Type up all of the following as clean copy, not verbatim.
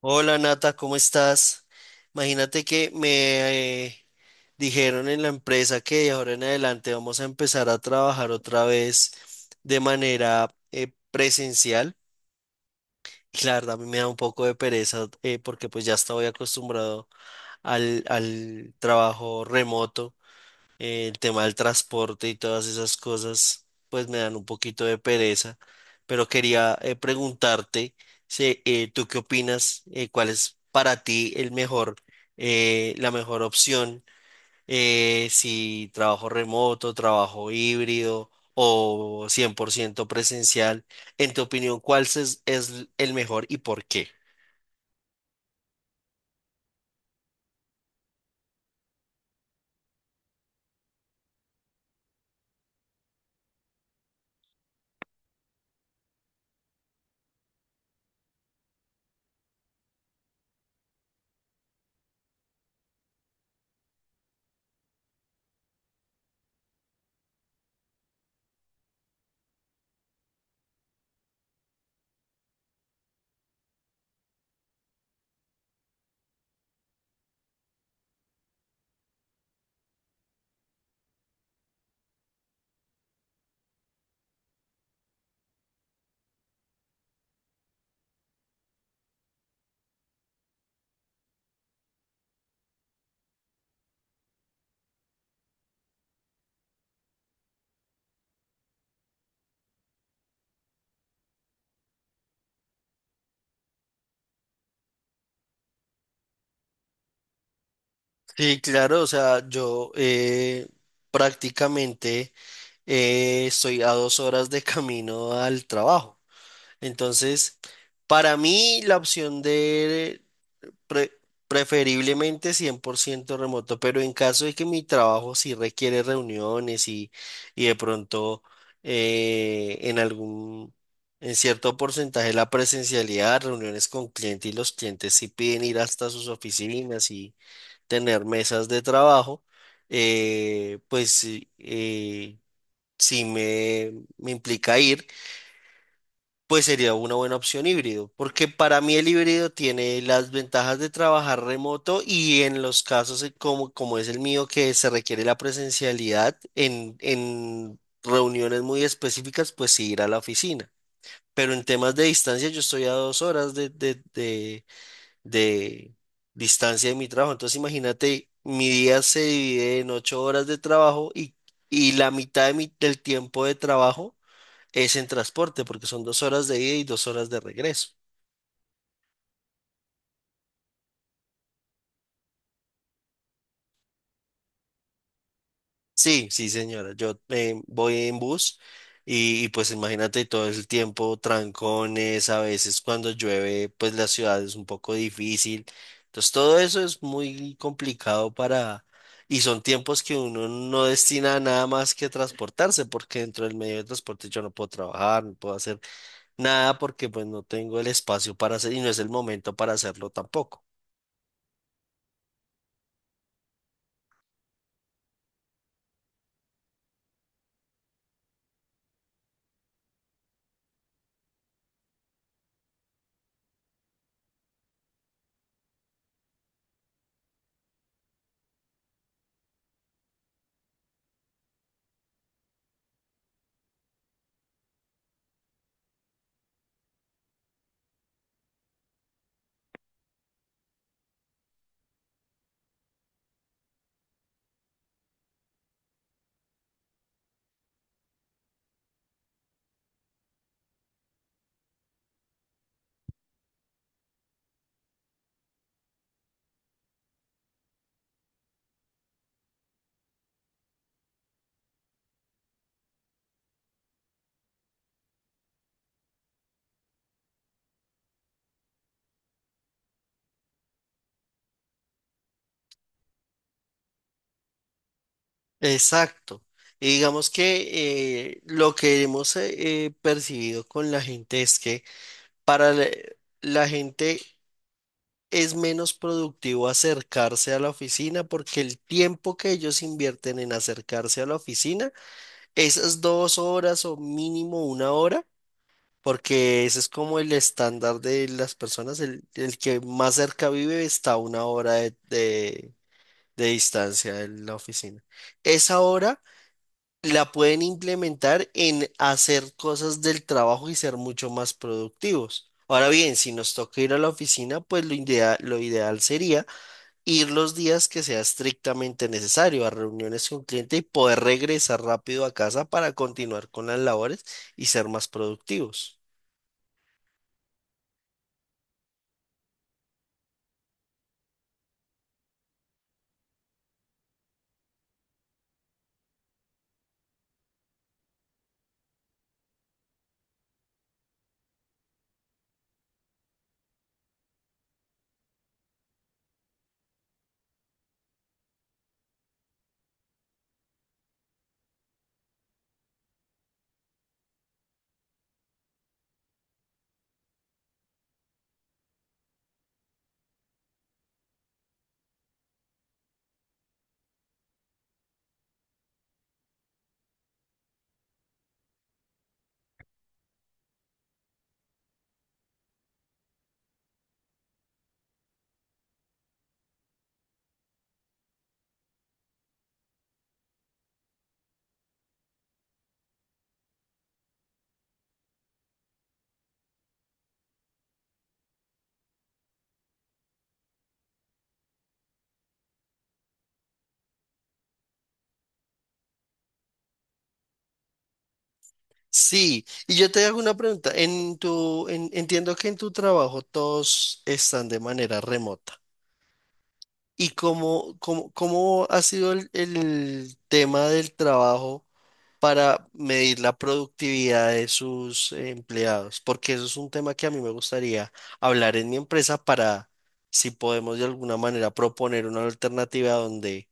Hola Nata, ¿cómo estás? Imagínate que me dijeron en la empresa que de ahora en adelante vamos a empezar a trabajar otra vez de manera presencial. Y la verdad a mí me da un poco de pereza, porque pues ya estoy acostumbrado al trabajo remoto, el tema del transporte y todas esas cosas, pues me dan un poquito de pereza, pero quería preguntarte, si, ¿tú qué opinas? ¿Cuál es para ti el mejor, la mejor opción? Si trabajo remoto, trabajo híbrido o 100% presencial, en tu opinión, ¿cuál es el mejor y por qué? Sí, claro, o sea, yo prácticamente. Estoy a 2 horas de camino al trabajo. Entonces, para mí la opción de pre- preferiblemente 100% remoto, pero en caso de que mi trabajo sí requiere reuniones y de pronto en algún, en cierto porcentaje la presencialidad, reuniones con clientes y los clientes sí piden ir hasta sus oficinas y tener mesas de trabajo. Pues, eh, si me implica ir, pues sería una buena opción híbrido, porque para mí el híbrido tiene las ventajas de trabajar remoto y en los casos, como es el mío, que se requiere la presencialidad en reuniones muy específicas, pues sí ir a la oficina. Pero en temas de distancia yo estoy a 2 horas de distancia de mi trabajo, entonces imagínate, mi día se divide en 8 horas de trabajo y la mitad de del tiempo de trabajo es en transporte porque son 2 horas de ida y 2 horas de regreso. Sí, sí, señora. Yo voy en bus y, pues imagínate todo el tiempo, trancones, a veces cuando llueve, pues la ciudad es un poco difícil. Entonces todo eso es muy complicado para. Y son tiempos que uno no destina a nada más que transportarse, porque dentro del medio de transporte yo no puedo trabajar, no puedo hacer nada porque pues no tengo el espacio para hacer y no es el momento para hacerlo tampoco. Exacto. Y digamos que lo que hemos percibido con la gente es que para la gente es menos productivo acercarse a la oficina porque el tiempo que ellos invierten en acercarse a la oficina, esas 2 horas o mínimo 1 hora, porque ese es como el estándar de las personas, el que más cerca vive está a 1 hora de distancia de la oficina. Esa hora la pueden implementar en hacer cosas del trabajo y ser mucho más productivos. Ahora bien, si nos toca ir a la oficina, pues lo ideal sería ir los días que sea estrictamente necesario a reuniones con cliente y poder regresar rápido a casa para continuar con las labores y ser más productivos. Sí, y yo te hago una pregunta. Entiendo que en tu trabajo todos están de manera remota. ¿Y cómo ha sido el tema del trabajo para medir la productividad de sus empleados? Porque eso es un tema que a mí me gustaría hablar en mi empresa para si podemos de alguna manera proponer una alternativa donde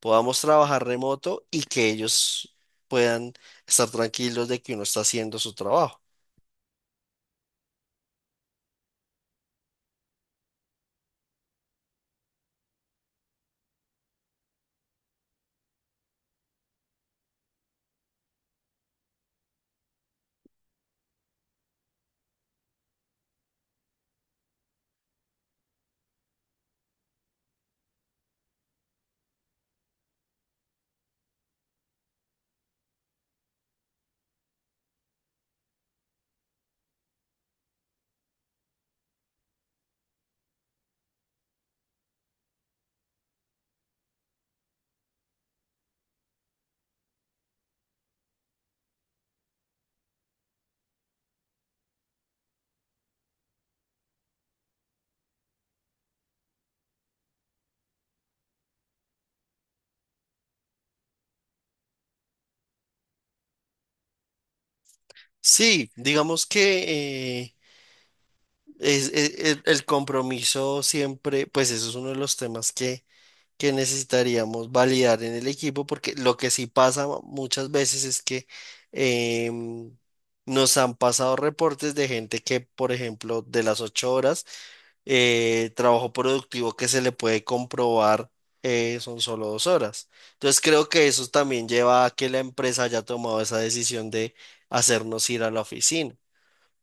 podamos trabajar remoto y que ellos puedan estar tranquilos de que uno está haciendo su trabajo. Sí, digamos que el compromiso siempre, pues eso es uno de los temas que necesitaríamos validar en el equipo, porque lo que sí pasa muchas veces es que em, nos han pasado reportes de gente que, por ejemplo, de las 8 horas, trabajo productivo que se le puede comprobar son solo 2 horas. Entonces creo que eso también lleva a que la empresa haya tomado esa decisión de hacernos ir a la oficina.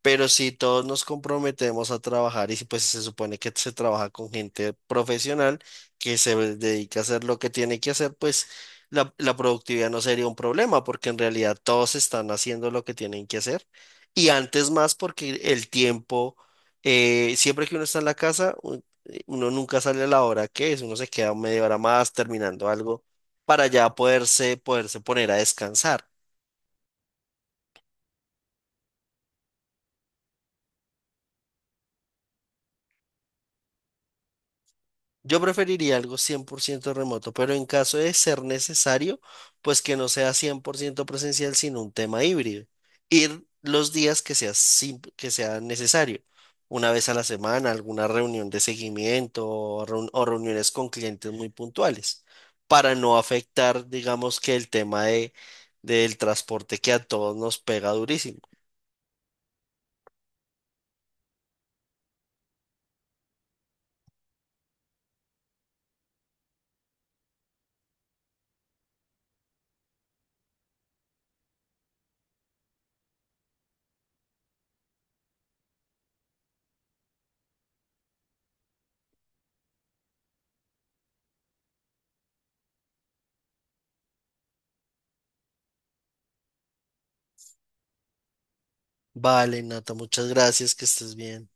Pero si todos nos comprometemos a trabajar y si, pues se supone que se trabaja con gente profesional que se dedica a hacer lo que tiene que hacer, pues la productividad no sería un problema porque en realidad todos están haciendo lo que tienen que hacer. Y antes más porque el tiempo, siempre que uno está en la casa, uno nunca sale a la hora que es, uno se queda media hora más terminando algo para ya poderse poner a descansar. Yo preferiría algo 100% remoto, pero en caso de ser necesario, pues que no sea 100% presencial, sino un tema híbrido. Ir los días que sea, que sea necesario, una vez a la semana, alguna reunión de seguimiento o reuniones con clientes muy puntuales, para no afectar, digamos, que el tema del transporte que a todos nos pega durísimo. Vale, Nata, muchas gracias, que estés bien.